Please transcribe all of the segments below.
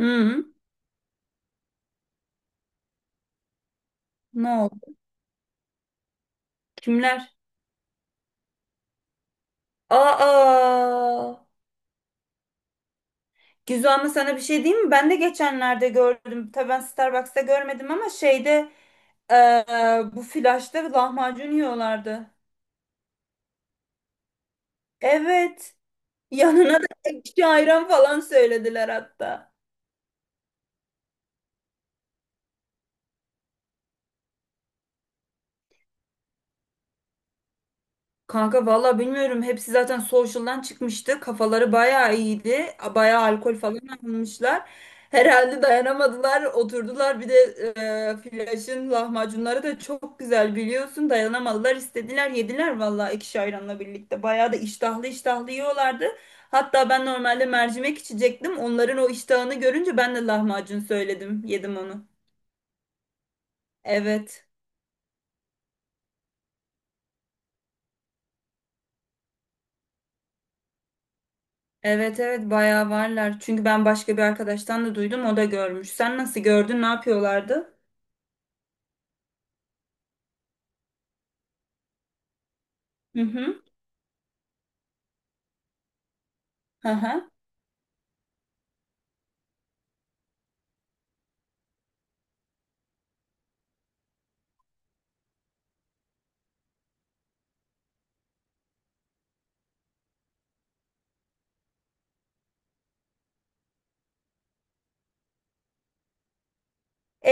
Hı, ne oldu? Kimler? Aa, Gizu, ama sana bir şey diyeyim mi? Ben de geçenlerde gördüm. Tabii ben Starbucks'ta görmedim ama şeyde eee, bu flaşta lahmacun yiyorlardı. Evet. Yanına da ekşi ayran falan söylediler hatta. Kanka valla bilmiyorum. Hepsi zaten social'dan çıkmıştı. Kafaları bayağı iyiydi. Bayağı alkol falan almışlar. Herhalde dayanamadılar. Oturdular. Bir de Flaş'ın lahmacunları da çok güzel biliyorsun. Dayanamadılar. İstediler yediler valla ekşi ayranla birlikte. Bayağı da iştahlı iştahlı yiyorlardı. Hatta ben normalde mercimek içecektim. Onların o iştahını görünce ben de lahmacun söyledim. Yedim onu. Evet. Evet, evet, bayağı varlar. Çünkü ben başka bir arkadaştan da duydum, o da görmüş. Sen nasıl gördün, ne yapıyorlardı? Hı hı. Hı hı.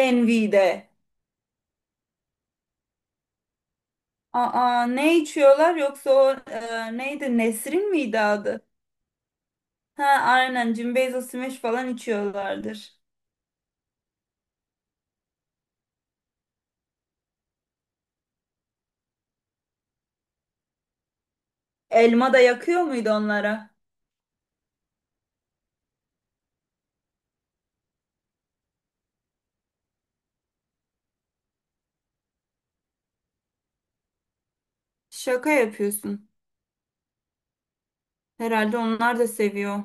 Envy'de. Aa, ne içiyorlar yoksa o neydi, Nesrin miydi adı? Ha, aynen, Cimbeyzo Smash falan içiyorlardır. Elma da yakıyor muydu onlara? Şaka yapıyorsun. Herhalde onlar da seviyor.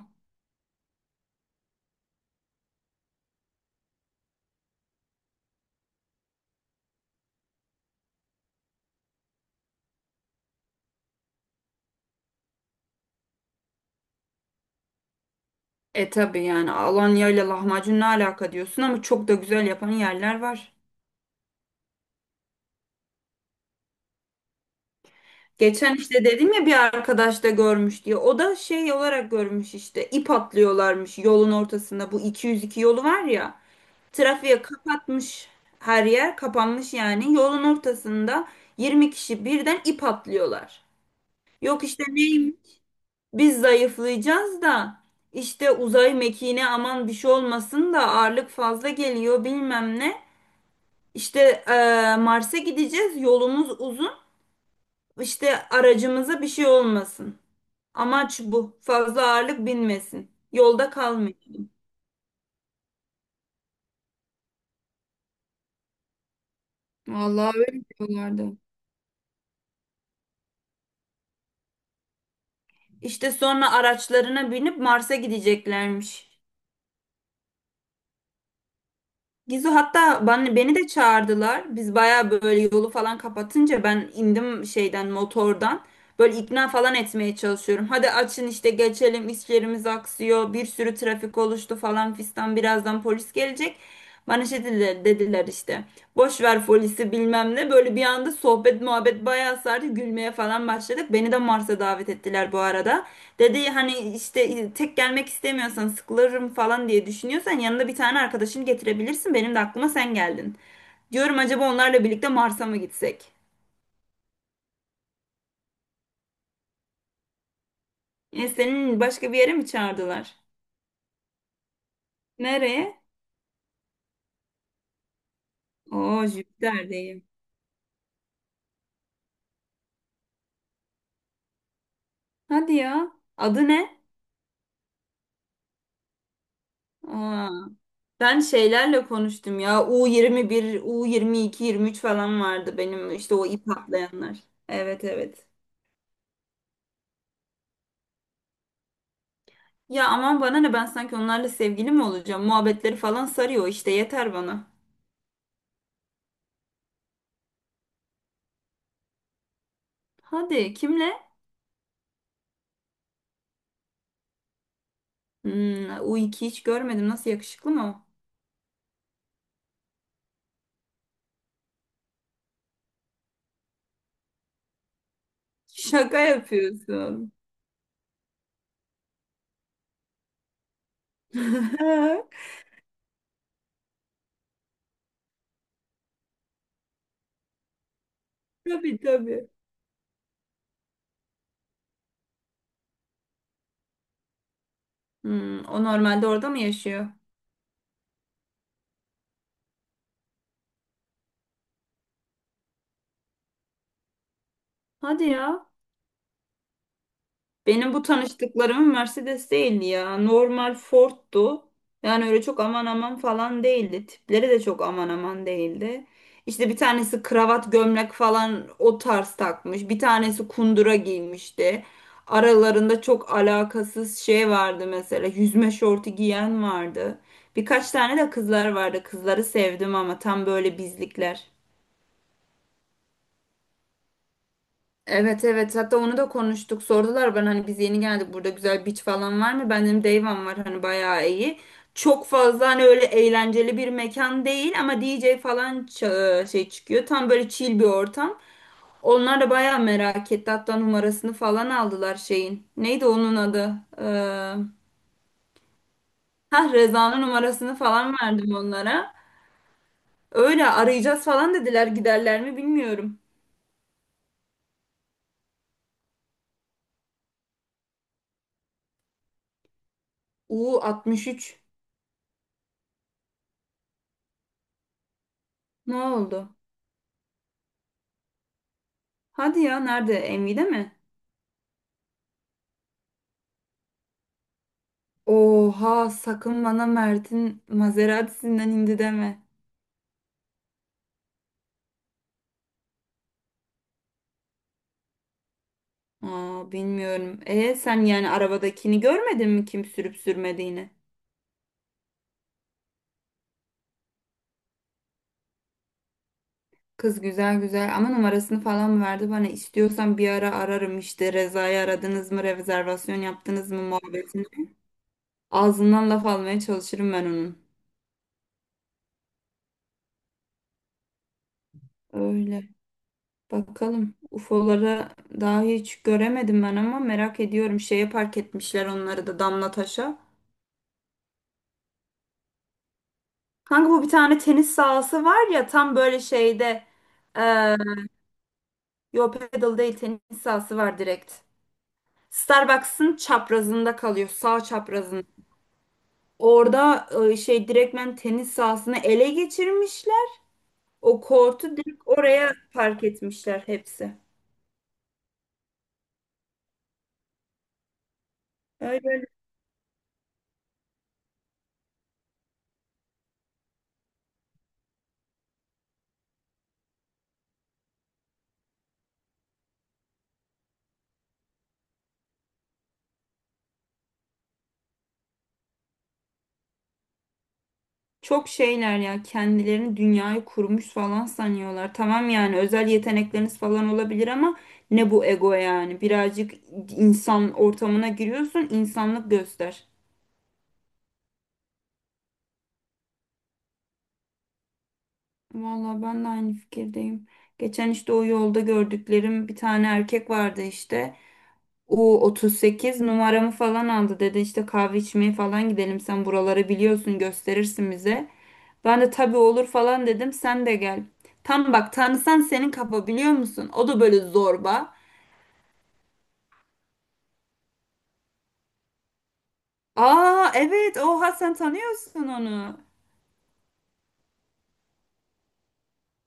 E tabi yani Alanya ile lahmacun ne alaka diyorsun ama çok da güzel yapan yerler var. Geçen işte dedim ya bir arkadaş da görmüş diye. O da şey olarak görmüş işte. İp atlıyorlarmış yolun ortasında. Bu 202 yolu var ya. Trafiğe kapatmış, her yer kapanmış yani. Yolun ortasında 20 kişi birden ip atlıyorlar. Yok işte, neymiş? Biz zayıflayacağız da işte uzay mekiğine aman bir şey olmasın da ağırlık fazla geliyor bilmem ne. İşte Mars'a gideceğiz. Yolumuz uzun. İşte aracımıza bir şey olmasın. Amaç bu. Fazla ağırlık binmesin. Yolda kalmayın. Vallahi öyle diyorlardı. İşte sonra araçlarına binip Mars'a gideceklermiş. Gizu, hatta bana, beni de çağırdılar. Biz baya böyle yolu falan kapatınca ben indim şeyden, motordan. Böyle ikna falan etmeye çalışıyorum. Hadi açın işte, geçelim, işlerimiz aksıyor. Bir sürü trafik oluştu falan fistan. Birazdan polis gelecek. Bana şey dediler işte. Boş ver folisi bilmem ne. Böyle bir anda sohbet muhabbet bayağı sardı. Gülmeye falan başladık. Beni de Mars'a davet ettiler bu arada. Dedi hani işte tek gelmek istemiyorsan, sıkılırım falan diye düşünüyorsan yanında bir tane arkadaşını getirebilirsin. Benim de aklıma sen geldin. Diyorum acaba onlarla birlikte Mars'a mı gitsek? E, senin başka bir yere mi çağırdılar? Nereye? Oo, Jüpiter'deyim. Hadi ya. Adı ne? Aa. Ben şeylerle konuştum ya. U21, U22, 23 falan vardı benim işte o ip atlayanlar. Evet, evet. Ya aman bana ne, ben sanki onlarla sevgili mi olacağım? Muhabbetleri falan sarıyor işte, yeter bana. Hadi kimle? Hmm, U2 hiç görmedim. Nasıl, yakışıklı mı o? Şaka yapıyorsun. Tabii, tabii. Hmm, o normalde orada mı yaşıyor? Hadi ya. Benim bu tanıştıklarımın Mercedes değildi ya. Normal Ford'tu. Yani öyle çok aman aman falan değildi. Tipleri de çok aman aman değildi. İşte bir tanesi kravat gömlek falan o tarz takmış. Bir tanesi kundura giymişti. Aralarında çok alakasız şey vardı mesela. Yüzme şortu giyen vardı. Birkaç tane de kızlar vardı. Kızları sevdim ama tam böyle bizlikler. Evet, evet, hatta onu da konuştuk, sordular, ben hani biz yeni geldik burada güzel beach falan var mı? Ben dedim Dayvan var hani, bayağı iyi. Çok fazla hani öyle eğlenceli bir mekan değil ama DJ falan şey çıkıyor. Tam böyle chill bir ortam. Onlar da bayağı merak etti, hatta numarasını falan aldılar şeyin. Neydi onun adı? Ha, Reza'nın numarasını falan verdim onlara. Öyle arayacağız falan dediler, giderler mi bilmiyorum. U63, ne oldu? Hadi ya nerede? Envy'de mi? Oha, sakın bana Mert'in Maserati'sinden indi deme. Aa, bilmiyorum. E sen yani arabadakini görmedin mi, kim sürüp sürmediğini? Kız güzel güzel ama numarasını falan mı verdi bana? İstiyorsan bir ara ararım işte, Reza'yı aradınız mı, rezervasyon yaptınız mı muhabbetini. Ağzından laf almaya çalışırım ben onun. Öyle. Bakalım. UFO'ları daha hiç göremedim ben ama merak ediyorum. Şeye park etmişler onları da, Damlataş'a. Kanka bu bir tane tenis sahası var ya tam böyle şeyde e, yo, pedal değil, tenis sahası var direkt. Starbucks'ın çaprazında kalıyor, sağ çaprazında. Orada şey, direktmen tenis sahasını ele geçirmişler. O kortu direkt oraya park etmişler hepsi. Öyle öyle. Çok şeyler ya, kendilerini dünyayı kurmuş falan sanıyorlar. Tamam yani özel yetenekleriniz falan olabilir ama ne bu ego yani? Birazcık insan ortamına giriyorsun, insanlık göster. Vallahi ben de aynı fikirdeyim. Geçen işte o yolda gördüklerim bir tane erkek vardı işte. U38 numaramı falan aldı, dedi işte kahve içmeye falan gidelim, sen buraları biliyorsun, gösterirsin bize. Ben de tabii olur falan dedim, sen de gel. Tam bak, tanısan senin kafa biliyor musun? O da böyle zorba. Aa evet, oha sen tanıyorsun onu.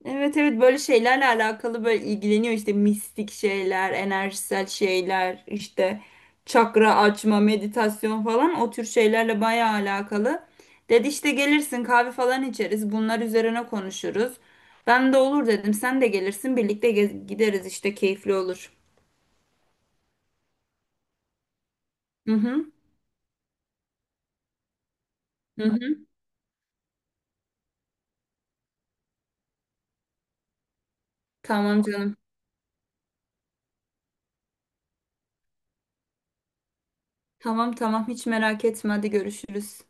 Evet, evet, böyle şeylerle alakalı, böyle ilgileniyor işte mistik şeyler, enerjisel şeyler, işte çakra açma, meditasyon falan o tür şeylerle bayağı alakalı. Dedi işte gelirsin, kahve falan içeriz, bunlar üzerine konuşuruz. Ben de olur dedim, sen de gelirsin, birlikte gideriz işte, keyifli olur. Hı hı. Hı hı. Tamam canım. Tamam, tamam, hiç merak etme, hadi görüşürüz.